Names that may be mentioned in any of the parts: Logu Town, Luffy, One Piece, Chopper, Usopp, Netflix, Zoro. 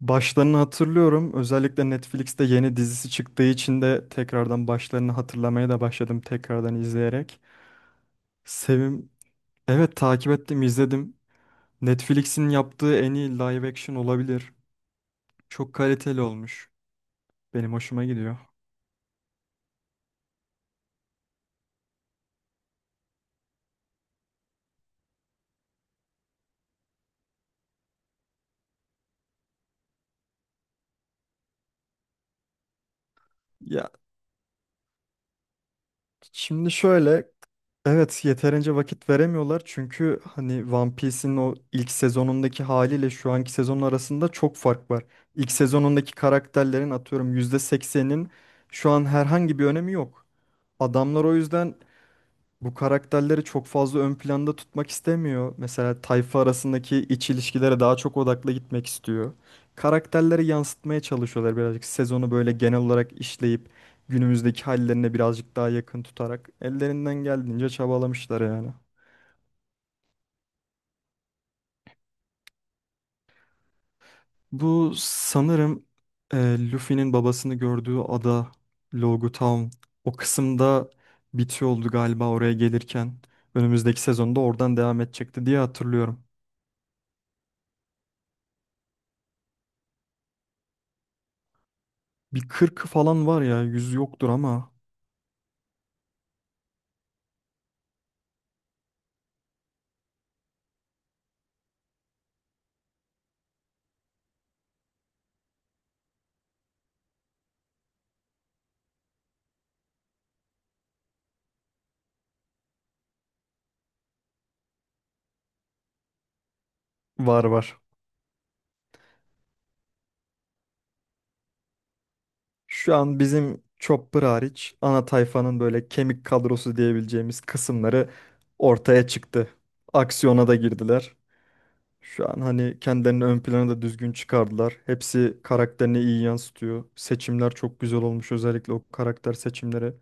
Başlarını hatırlıyorum. Özellikle Netflix'te yeni dizisi çıktığı için de tekrardan başlarını hatırlamaya da başladım tekrardan izleyerek. Sevim, evet takip ettim, izledim. Netflix'in yaptığı en iyi live action olabilir. Çok kaliteli olmuş. Benim hoşuma gidiyor. Ya. Şimdi şöyle, evet yeterince vakit veremiyorlar çünkü hani One Piece'in o ilk sezonundaki haliyle şu anki sezonun arasında çok fark var. İlk sezonundaki karakterlerin atıyorum %80'in şu an herhangi bir önemi yok. Adamlar o yüzden bu karakterleri çok fazla ön planda tutmak istemiyor. Mesela tayfa arasındaki iç ilişkilere daha çok odaklı gitmek istiyor. Karakterleri yansıtmaya çalışıyorlar birazcık. Sezonu böyle genel olarak işleyip günümüzdeki hallerine birazcık daha yakın tutarak ellerinden geldiğince çabalamışlar yani. Bu sanırım Luffy'nin babasını gördüğü ada, Logu Town, o kısımda bitiyor oldu galiba oraya gelirken. Önümüzdeki sezonda oradan devam edecekti diye hatırlıyorum. Bir 40'ı falan var ya, 100 yoktur ama. Var var. Şu an bizim Chopper hariç ana tayfanın böyle kemik kadrosu diyebileceğimiz kısımları ortaya çıktı. Aksiyona da girdiler. Şu an hani kendilerini ön plana da düzgün çıkardılar. Hepsi karakterini iyi yansıtıyor. Seçimler çok güzel olmuş, özellikle o karakter seçimleri.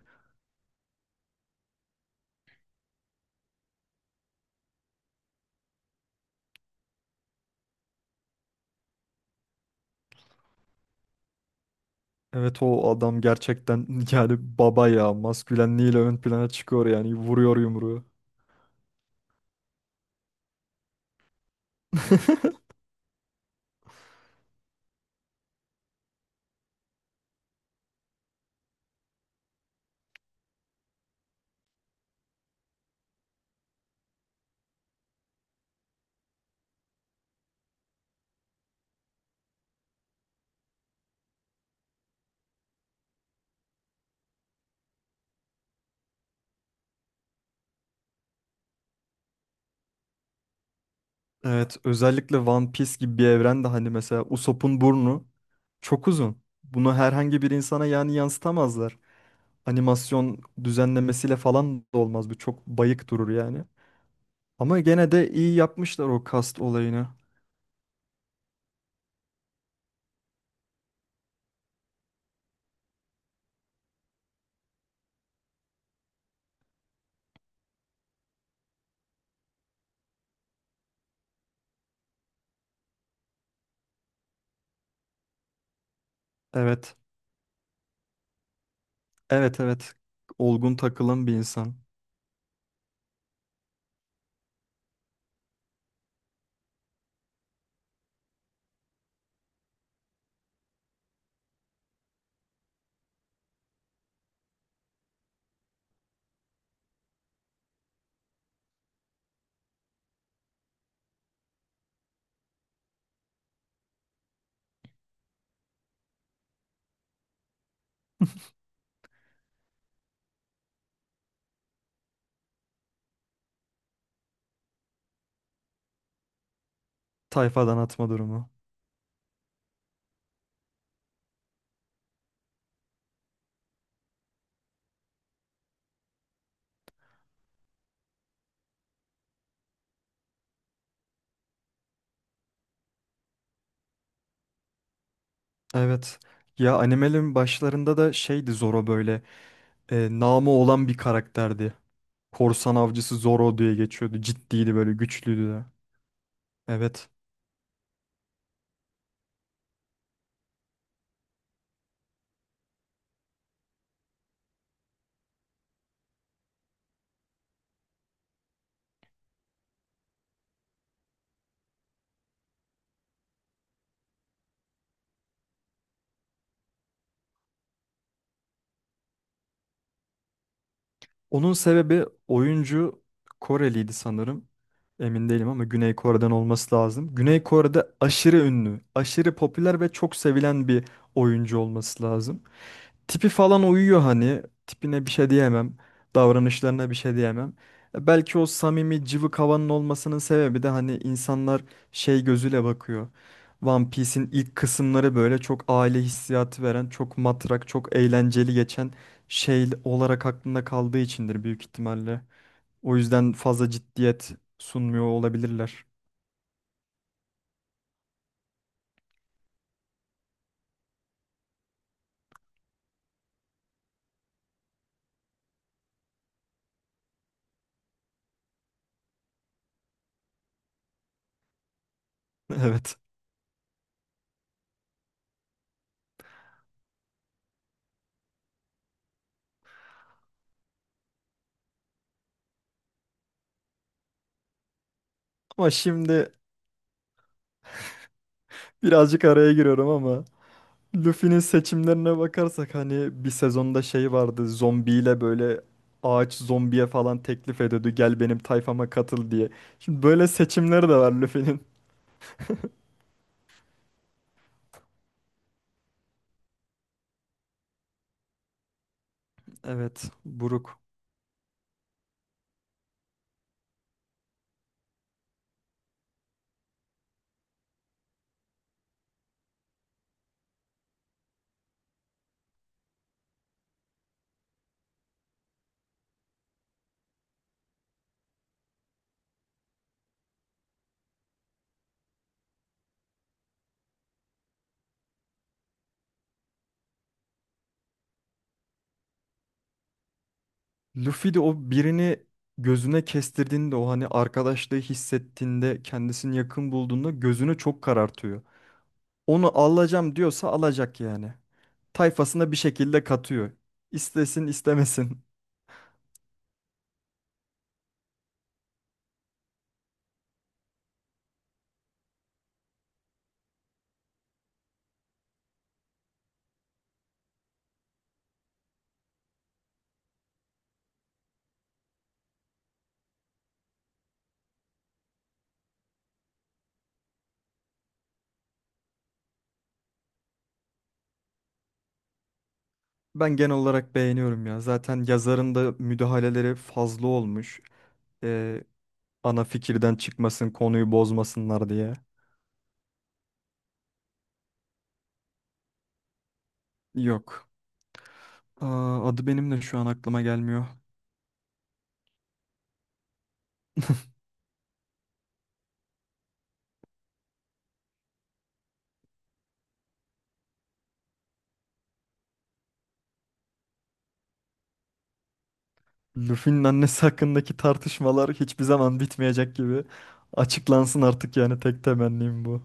Evet, o adam gerçekten yani baba ya, maskülenliğiyle ön plana çıkıyor yani, vuruyor yumruğu. Evet, özellikle One Piece gibi bir evrende hani mesela Usopp'un burnu çok uzun. Bunu herhangi bir insana yani yansıtamazlar. Animasyon düzenlemesiyle falan da olmaz. Bu çok bayık durur yani. Ama gene de iyi yapmışlar o kast olayını. Evet. Evet, evet. Olgun takılan bir insan. Tayfadan atma durumu. Evet. Ya animelerin başlarında da şeydi Zoro böyle. Namı olan bir karakterdi. Korsan avcısı Zoro diye geçiyordu. Ciddiydi, böyle güçlüydü de. Evet. Onun sebebi oyuncu Koreliydi sanırım. Emin değilim ama Güney Kore'den olması lazım. Güney Kore'de aşırı ünlü, aşırı popüler ve çok sevilen bir oyuncu olması lazım. Tipi falan uyuyor hani. Tipine bir şey diyemem. Davranışlarına bir şey diyemem. Belki o samimi cıvık havanın olmasının sebebi de hani insanlar şey gözüyle bakıyor. One Piece'in ilk kısımları böyle çok aile hissiyatı veren, çok matrak, çok eğlenceli geçen şey olarak aklında kaldığı içindir büyük ihtimalle. O yüzden fazla ciddiyet sunmuyor olabilirler. Evet. Ama şimdi birazcık araya giriyorum ama Luffy'nin seçimlerine bakarsak hani bir sezonda şey vardı, zombiyle böyle ağaç zombiye falan teklif ediyordu gel benim tayfama katıl diye. Şimdi böyle seçimleri de var Luffy'nin. Evet, buruk. Luffy de o birini gözüne kestirdiğinde, o hani arkadaşlığı hissettiğinde, kendisini yakın bulduğunda gözünü çok karartıyor. Onu alacağım diyorsa alacak yani. Tayfasına bir şekilde katıyor. İstesin istemesin. Ben genel olarak beğeniyorum ya. Zaten yazarın da müdahaleleri fazla olmuş. Ee, Ana fikirden çıkmasın, konuyu bozmasınlar diye. Yok. Aa, adı benim de şu an aklıma gelmiyor. Luffy'nin annesi hakkındaki tartışmalar hiçbir zaman bitmeyecek gibi. Açıklansın artık, yani tek temennim bu.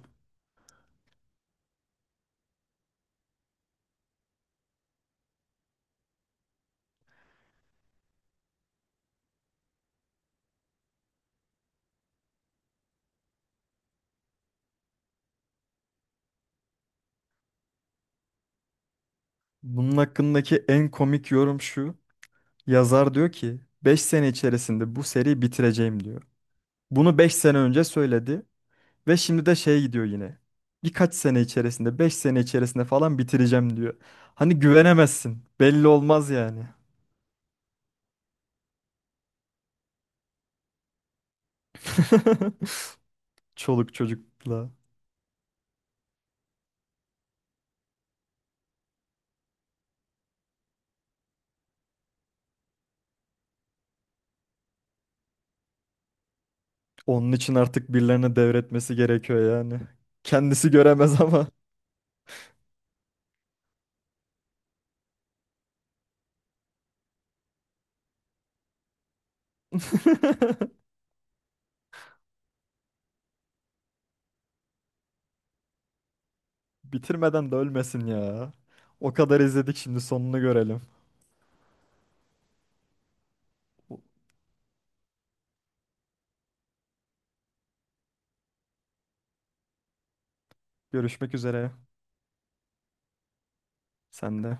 Bunun hakkındaki en komik yorum şu. Yazar diyor ki 5 sene içerisinde bu seriyi bitireceğim diyor. Bunu 5 sene önce söyledi. Ve şimdi de şey gidiyor yine. Birkaç sene içerisinde, 5 sene içerisinde falan bitireceğim diyor. Hani güvenemezsin. Belli olmaz yani. Çoluk çocukla. Onun için artık birilerine devretmesi gerekiyor yani. Kendisi göremez ama. Bitirmeden de ölmesin ya. O kadar izledik, şimdi sonunu görelim. Görüşmek üzere. Sen de.